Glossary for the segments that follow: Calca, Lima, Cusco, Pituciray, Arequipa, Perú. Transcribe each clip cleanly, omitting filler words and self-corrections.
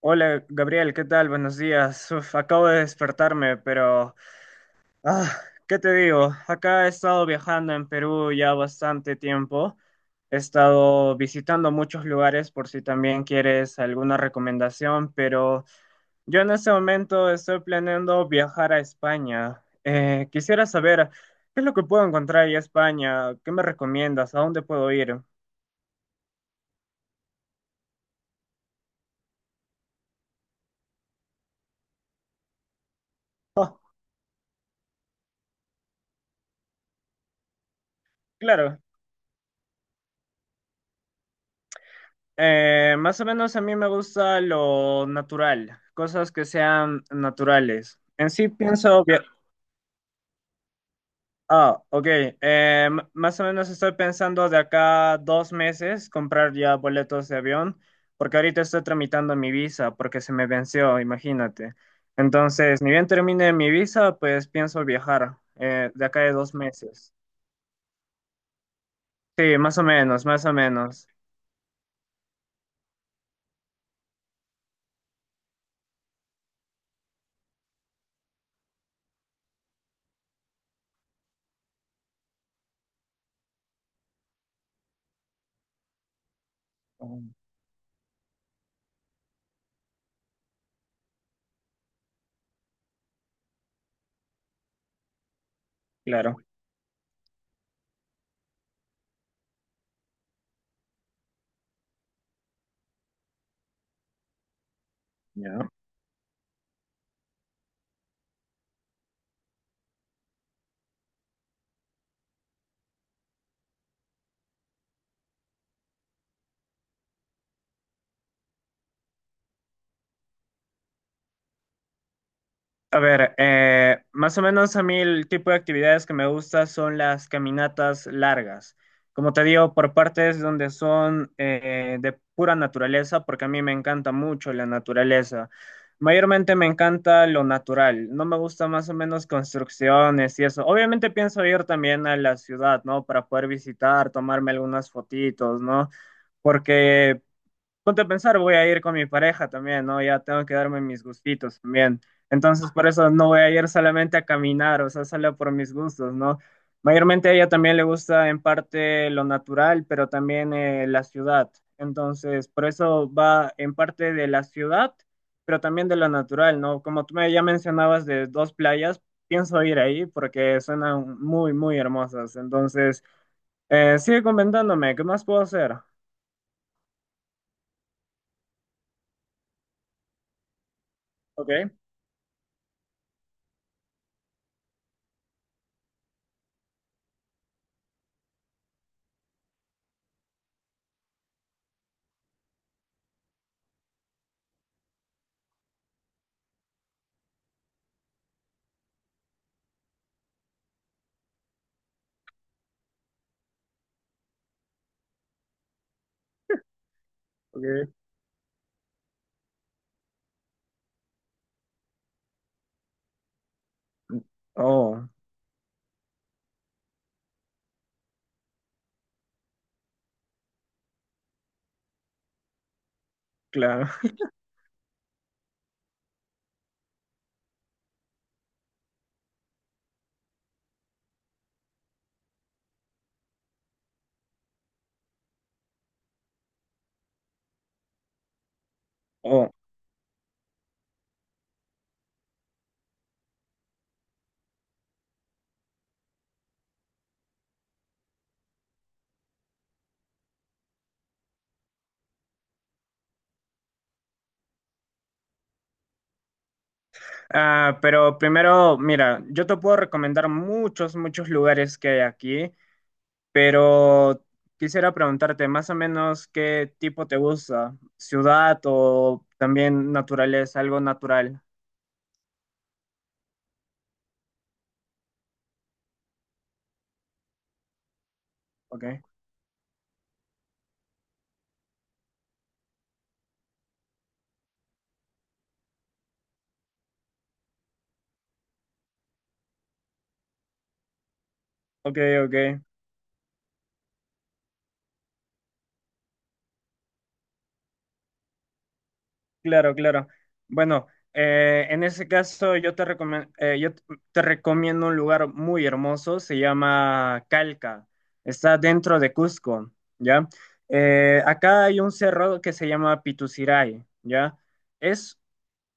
Hola Gabriel, ¿qué tal? Buenos días. Uf, acabo de despertarme, pero ah, ¿qué te digo? Acá he estado viajando en Perú ya bastante tiempo. He estado visitando muchos lugares por si también quieres alguna recomendación, pero yo en este momento estoy planeando viajar a España. Quisiera saber qué es lo que puedo encontrar en España, qué me recomiendas, a dónde puedo ir. Oh, claro. Más o menos a mí me gusta lo natural, cosas que sean naturales. En sí pienso via- Ah, ok. Más o menos estoy pensando de acá 2 meses comprar ya boletos de avión, porque ahorita estoy tramitando mi visa, porque se me venció, imagínate. Entonces, ni bien termine mi visa, pues pienso viajar de acá de 2 meses. Sí, más o menos, más o menos. Mm. Claro. Ya. A ver, más o menos a mí el tipo de actividades que me gusta son las caminatas largas. Como te digo, por partes donde son de pura naturaleza, porque a mí me encanta mucho la naturaleza. Mayormente me encanta lo natural. No me gusta más o menos construcciones y eso. Obviamente pienso ir también a la ciudad, ¿no? Para poder visitar, tomarme algunas fotitos, ¿no? Porque Ponte a pensar, voy a ir con mi pareja también, ¿no? Ya tengo que darme mis gustitos también. Entonces, por eso no voy a ir solamente a caminar, o sea, solo por mis gustos, ¿no? Mayormente a ella también le gusta en parte lo natural, pero también la ciudad. Entonces, por eso va en parte de la ciudad, pero también de lo natural, ¿no? Como tú me ya mencionabas de dos playas, pienso ir ahí porque suenan muy, muy hermosas. Entonces, sigue comentándome, ¿qué más puedo hacer? Ok, ok. Oh, claro. Oh. Ah, pero primero, mira, yo te puedo recomendar muchos, muchos lugares que hay aquí, pero quisiera preguntarte más o menos qué tipo te gusta, ciudad o también naturaleza, algo natural. Ok, ok, ok. Claro, claro. Bueno, en ese caso yo te recomen- yo t- te recomiendo un lugar muy hermoso, se llama Calca, está dentro de Cusco, ¿ya? Acá hay un cerro que se llama Pituciray, ¿ya? Es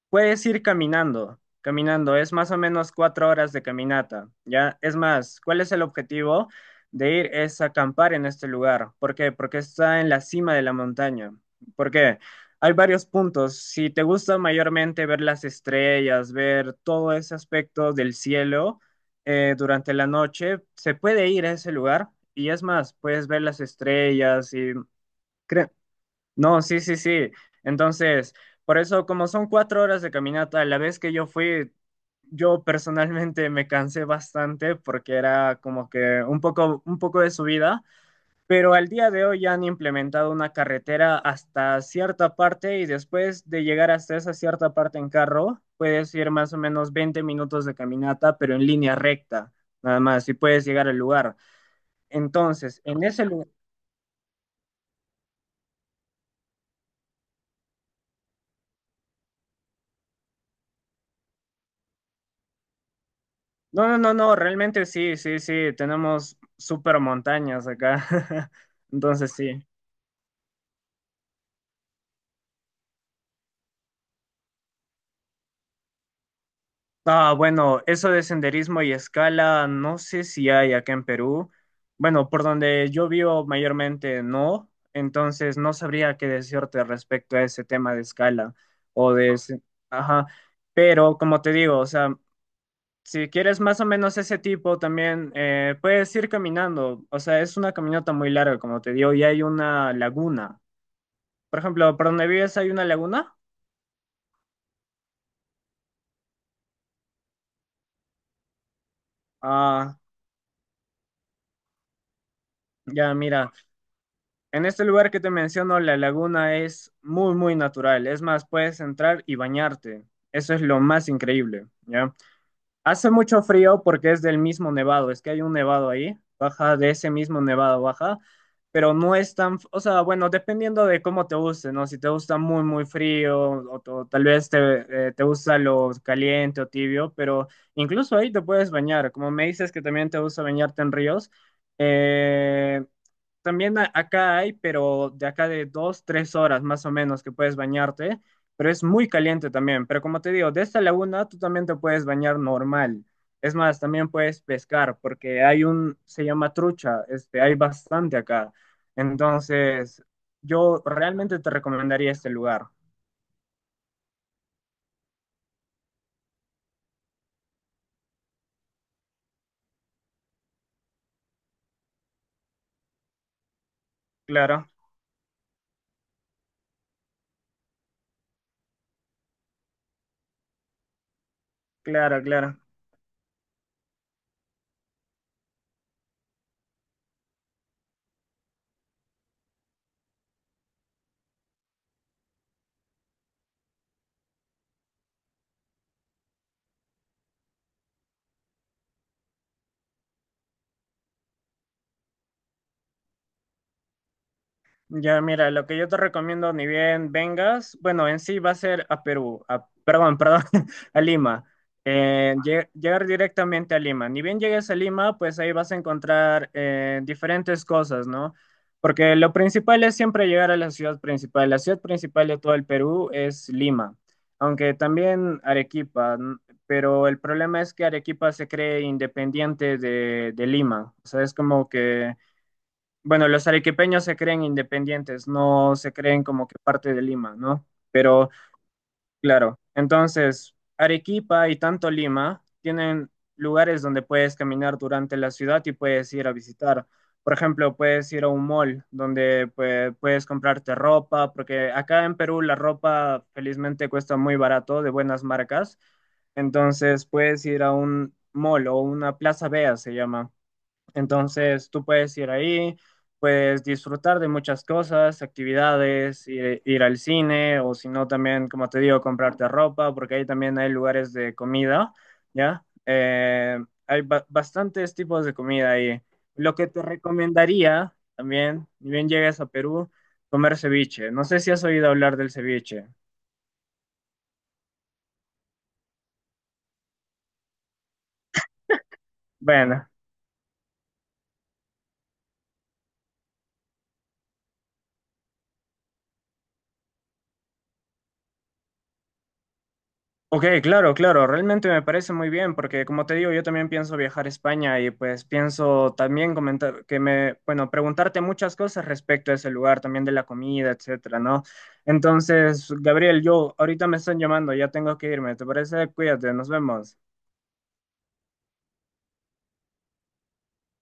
Puedes ir caminando, caminando, es más o menos 4 horas de caminata, ¿ya? Es más, ¿cuál es el objetivo de ir? Es acampar en este lugar. ¿Por qué? Porque está en la cima de la montaña. ¿Por qué? Hay varios puntos. Si te gusta mayormente ver las estrellas, ver todo ese aspecto del cielo durante la noche, se puede ir a ese lugar y es más, puedes ver las estrellas y... No, sí, sí, sí. Entonces, por eso, como son 4 horas de caminata, la vez que yo fui, yo personalmente me cansé bastante porque era como que un poco de subida, pero al día de hoy ya han implementado una carretera hasta cierta parte y después de llegar hasta esa cierta parte en carro, puedes ir más o menos 20 minutos de caminata, pero en línea recta, nada más, y puedes llegar al lugar. Entonces, en ese, lu- No, no, no, no, realmente sí, sí, sí, tenemos super montañas acá. Entonces sí. Ah, bueno, eso de senderismo y escala, no sé si hay acá en Perú. Bueno, por donde yo vivo mayormente no, entonces no sabría qué decirte respecto a ese tema de escala o de ese- Ajá, pero como te digo, o sea, si quieres más o menos ese tipo también, puedes ir caminando, o sea, es una caminata muy larga, como te digo, y hay una laguna. Por ejemplo, por donde vives hay una laguna. Ah, ya, mira. En este lugar que te menciono, la laguna es muy, muy natural. Es más, puedes entrar y bañarte. Eso es lo más increíble, ¿ya? Hace mucho frío porque es del mismo nevado, es que hay un nevado ahí, baja de ese mismo nevado, baja, pero no es tan, o sea, bueno, dependiendo de cómo te guste, ¿no? Si te gusta muy, muy frío o tal vez te, te gusta lo caliente o tibio, pero incluso ahí te puedes bañar, como me dices que también te gusta bañarte en ríos, eh, también acá hay, pero de acá de 2, 3 horas más o menos que puedes bañarte, pero es muy caliente también. Pero como te digo, de esta laguna tú también te puedes bañar normal. Es más, también puedes pescar porque hay un, se llama trucha, este, hay bastante acá. Entonces, yo realmente te recomendaría este lugar. Claro, claro, claro. Ya, mira, lo que yo te recomiendo, ni bien vengas, bueno, en sí va a ser a Perú, perdón, perdón, a Lima. Llegar directamente a Lima. Ni bien llegues a Lima, pues ahí vas a encontrar diferentes cosas, ¿no? Porque lo principal es siempre llegar a la ciudad principal. La ciudad principal de todo el Perú es Lima, aunque también Arequipa, n- pero el problema es que Arequipa se cree independiente de Lima. O sea, es como que... Bueno, los arequipeños se creen independientes, no se creen como que parte de Lima, ¿no? Pero claro, entonces Arequipa y tanto Lima tienen lugares donde puedes caminar durante la ciudad y puedes ir a visitar. Por ejemplo, puedes ir a un mall donde pues, puedes comprarte ropa, porque acá en Perú la ropa felizmente cuesta muy barato, de buenas marcas. Entonces puedes ir a un mall o una plaza vea, se llama entonces tú puedes ir ahí, puedes disfrutar de muchas cosas, actividades, ir, ir al cine o si no también, como te digo, comprarte ropa, porque ahí también hay lugares de comida, ¿ya? Hay bastantes tipos de comida ahí. Lo que te recomendaría también, ni bien llegues a Perú, comer ceviche. No sé si has oído hablar del ceviche. Bueno. Ok, claro, claro, realmente me parece muy bien porque como te digo, yo también pienso viajar a España y pues pienso también comentar que me, bueno, preguntarte muchas cosas respecto a ese lugar, también de la comida, etcétera, ¿no? Entonces, Gabriel, yo ahorita me están llamando, ya tengo que irme, ¿te parece? Cuídate, nos vemos.